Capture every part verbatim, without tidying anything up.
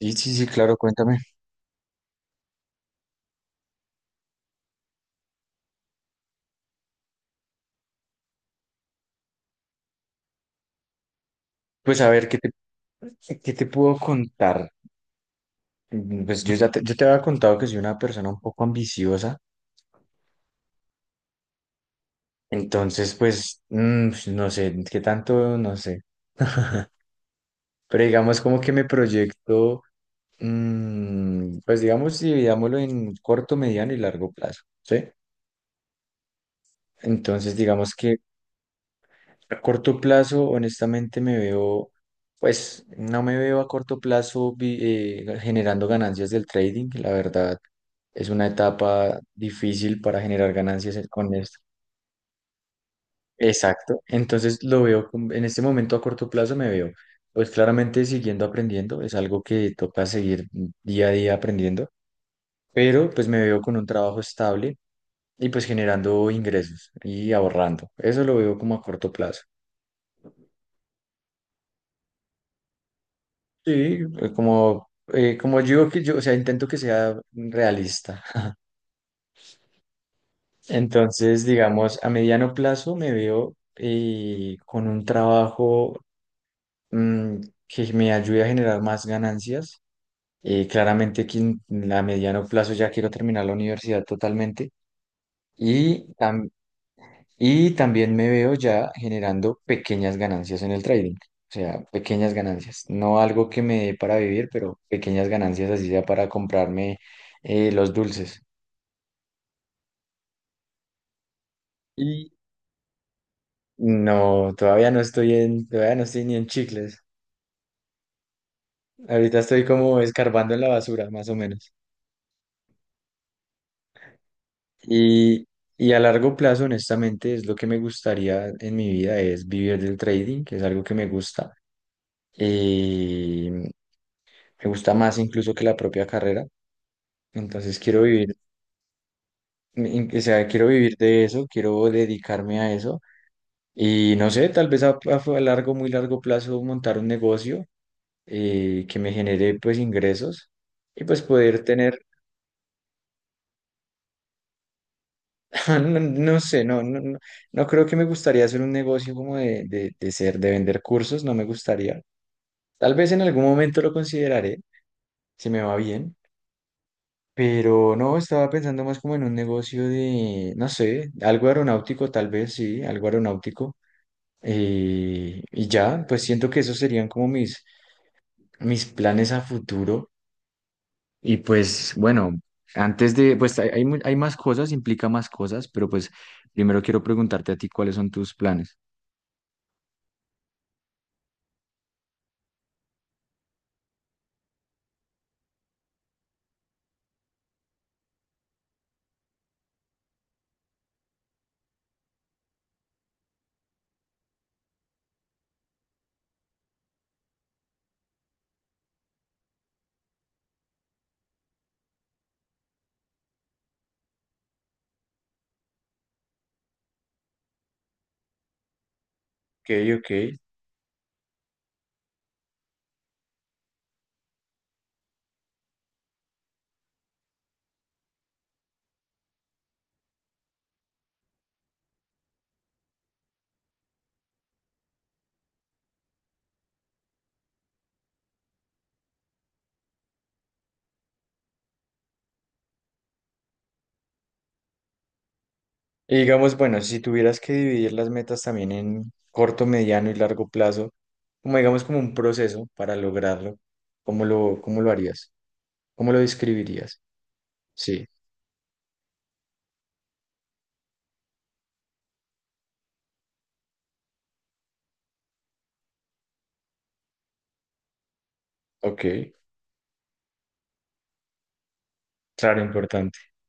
Sí, sí, sí, claro, cuéntame. Pues a ver, ¿qué te, qué te puedo contar? Mm, Pues yo ya te, yo te había contado que soy una persona un poco ambiciosa, entonces pues mm, pues, no sé, qué tanto, no sé. Pero digamos como que me proyecto, mm, pues digamos, dividámoslo en corto, mediano y largo plazo, ¿sí? Entonces digamos que a corto plazo, honestamente, me veo, pues no me veo a corto plazo vi- eh, generando ganancias del trading. La verdad, es una etapa difícil para generar ganancias e-, con esto. Exacto. Entonces, lo veo como- en este momento a corto plazo, me veo, pues claramente siguiendo aprendiendo. Es algo que toca seguir día a día aprendiendo, pero pues me veo con un trabajo estable y pues generando ingresos y ahorrando. Eso lo veo como a corto plazo. Sí, eh, como, eh, como digo que yo, o sea, intento que sea realista. Entonces, digamos, a mediano plazo me veo eh, con un trabajo mm, que me ayude a generar más ganancias. Eh, claramente que en- a mediano plazo ya quiero terminar la universidad totalmente. Y tam- Y también me veo ya generando pequeñas ganancias en el trading, o sea, pequeñas ganancias, no algo que me dé para vivir, pero pequeñas ganancias así sea para comprarme eh, los dulces. Y no, todavía no estoy en, todavía no estoy ni en chicles. Ahorita estoy como escarbando en la basura, más o menos. Y, y a largo plazo, honestamente, es lo que me gustaría en mi vida, es vivir del trading, que es algo que me gusta. Eh, me gusta más incluso que la propia carrera. Entonces quiero vivir, in- o sea, quiero vivir de eso, quiero dedicarme a eso y no sé, tal vez a, a- largo, muy largo plazo montar un negocio eh, que me genere pues ingresos y pues poder tener, no, no sé, no, no, no, no creo que me gustaría hacer un negocio como de, de, de ser, de vender cursos, no me gustaría. Tal vez en algún momento lo consideraré, si me va bien. Pero no, estaba pensando más como en un negocio de, no sé, algo aeronáutico, tal vez, sí, algo aeronáutico. Eh, y ya, pues siento que esos serían como mis, mis planes a futuro. Y pues bueno, antes de, pues hay, hay mu- hay más cosas, implica más cosas, pero pues primero quiero preguntarte a ti cuáles son tus planes. Ok, ok. Y digamos, bueno, si tuvieras que dividir las metas también en corto, mediano y largo plazo, como digamos como un proceso para lograrlo, ¿cómo lo, cómo lo harías? ¿Cómo lo describirías? Sí, ok, claro, importante.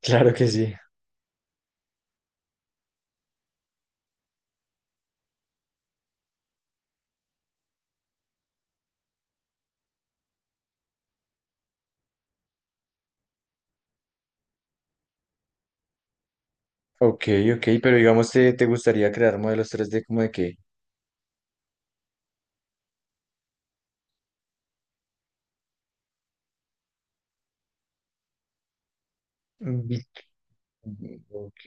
Claro que sí. Ok, ok, pero digamos, ¿te, te gustaría crear modelos tres d como de qué? Vi- Ok,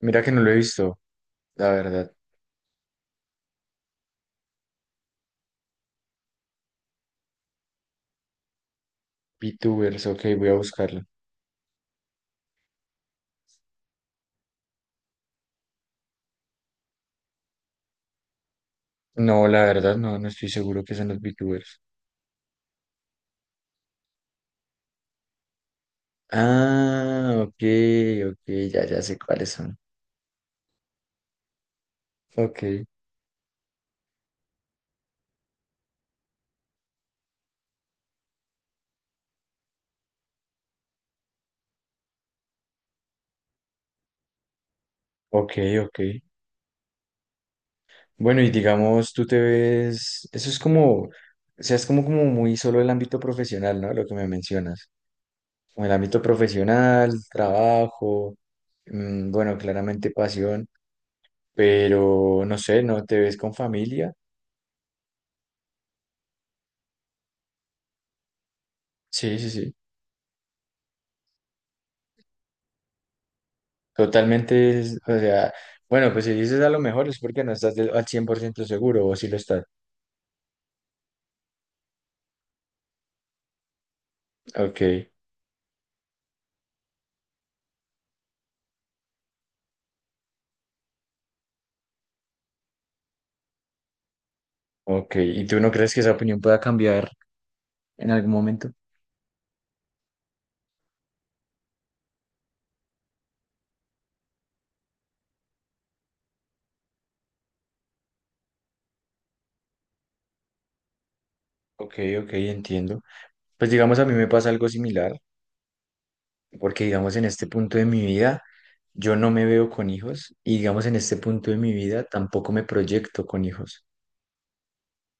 mira que no lo he visto, la verdad. VTubers, ok, voy a buscarlo. No, la verdad, no, no estoy seguro que sean los VTubers. Ah, ok, ok, ya, ya sé cuáles son. Ok, ok, ok. Bueno, y digamos, tú te ves, eso es como, o sea, es como, como muy solo el ámbito profesional, ¿no? Lo que me mencionas. Como el ámbito profesional, trabajo, mm, bueno, claramente pasión, pero no sé, ¿no te ves con familia? Sí, sí, sí, totalmente, es- o sea, bueno, pues si dices a lo mejor es porque no estás del- al cien por ciento seguro o si lo estás. Ok, ok, ¿y tú no crees que esa opinión pueda cambiar en algún momento? Ok, ok, entiendo. Pues digamos, a mí me pasa algo similar, porque digamos, en este punto de mi vida, yo no me veo con hijos y digamos, en este punto de mi vida tampoco me proyecto con hijos.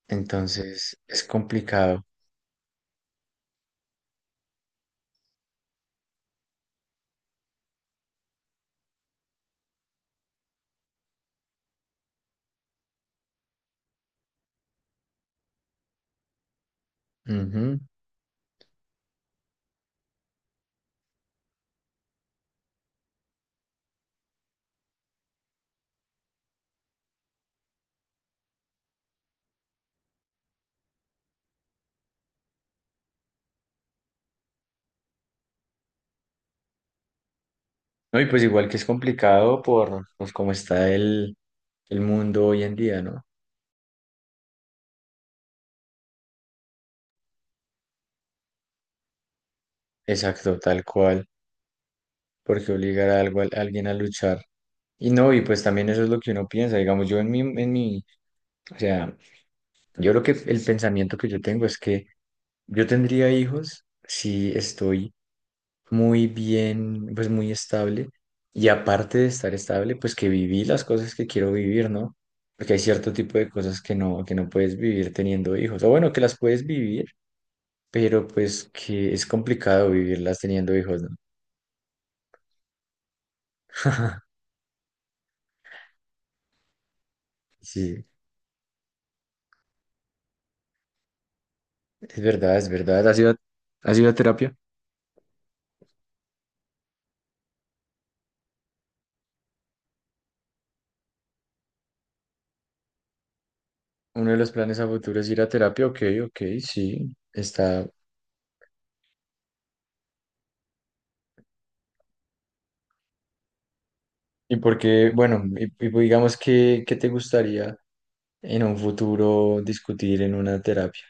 Entonces es complicado. Ujú. No, y pues igual que es complicado por pues, cómo está el, el mundo hoy en día, ¿no? Exacto, tal cual, porque obligar a, algo, a alguien a luchar. Y no, y pues también eso es lo que uno piensa, digamos, yo en mi, en mi, o sea, yo lo que el pensamiento que yo tengo es que yo tendría hijos si estoy muy bien, pues muy estable. Y aparte de estar estable, pues que viví las cosas que quiero vivir, ¿no? Porque hay cierto tipo de cosas que no, que no puedes vivir teniendo hijos. O bueno, que las puedes vivir, pero pues que es complicado vivirlas teniendo hijos, ¿no? Sí, es verdad, es verdad. ¿Has ido, a- has ido a terapia? Uno de los planes a futuro es ir a terapia. Ok, ok, sí, está. ¿Y por qué, bueno, y, y pues, digamos que, qué te gustaría en un futuro discutir en una terapia?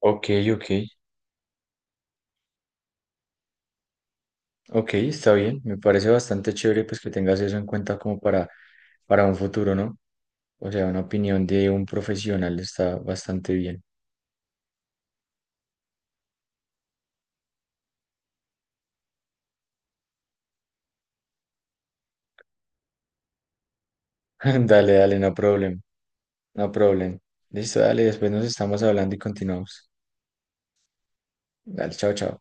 Ok, ok, ok, está bien. Me parece bastante chévere pues que tengas eso en cuenta como para, para un futuro, ¿no? O sea, una opinión de un profesional está bastante bien. Dale, dale, no problem, no problem. Listo, dale, después nos estamos hablando y continuamos. Dale, chao, chao.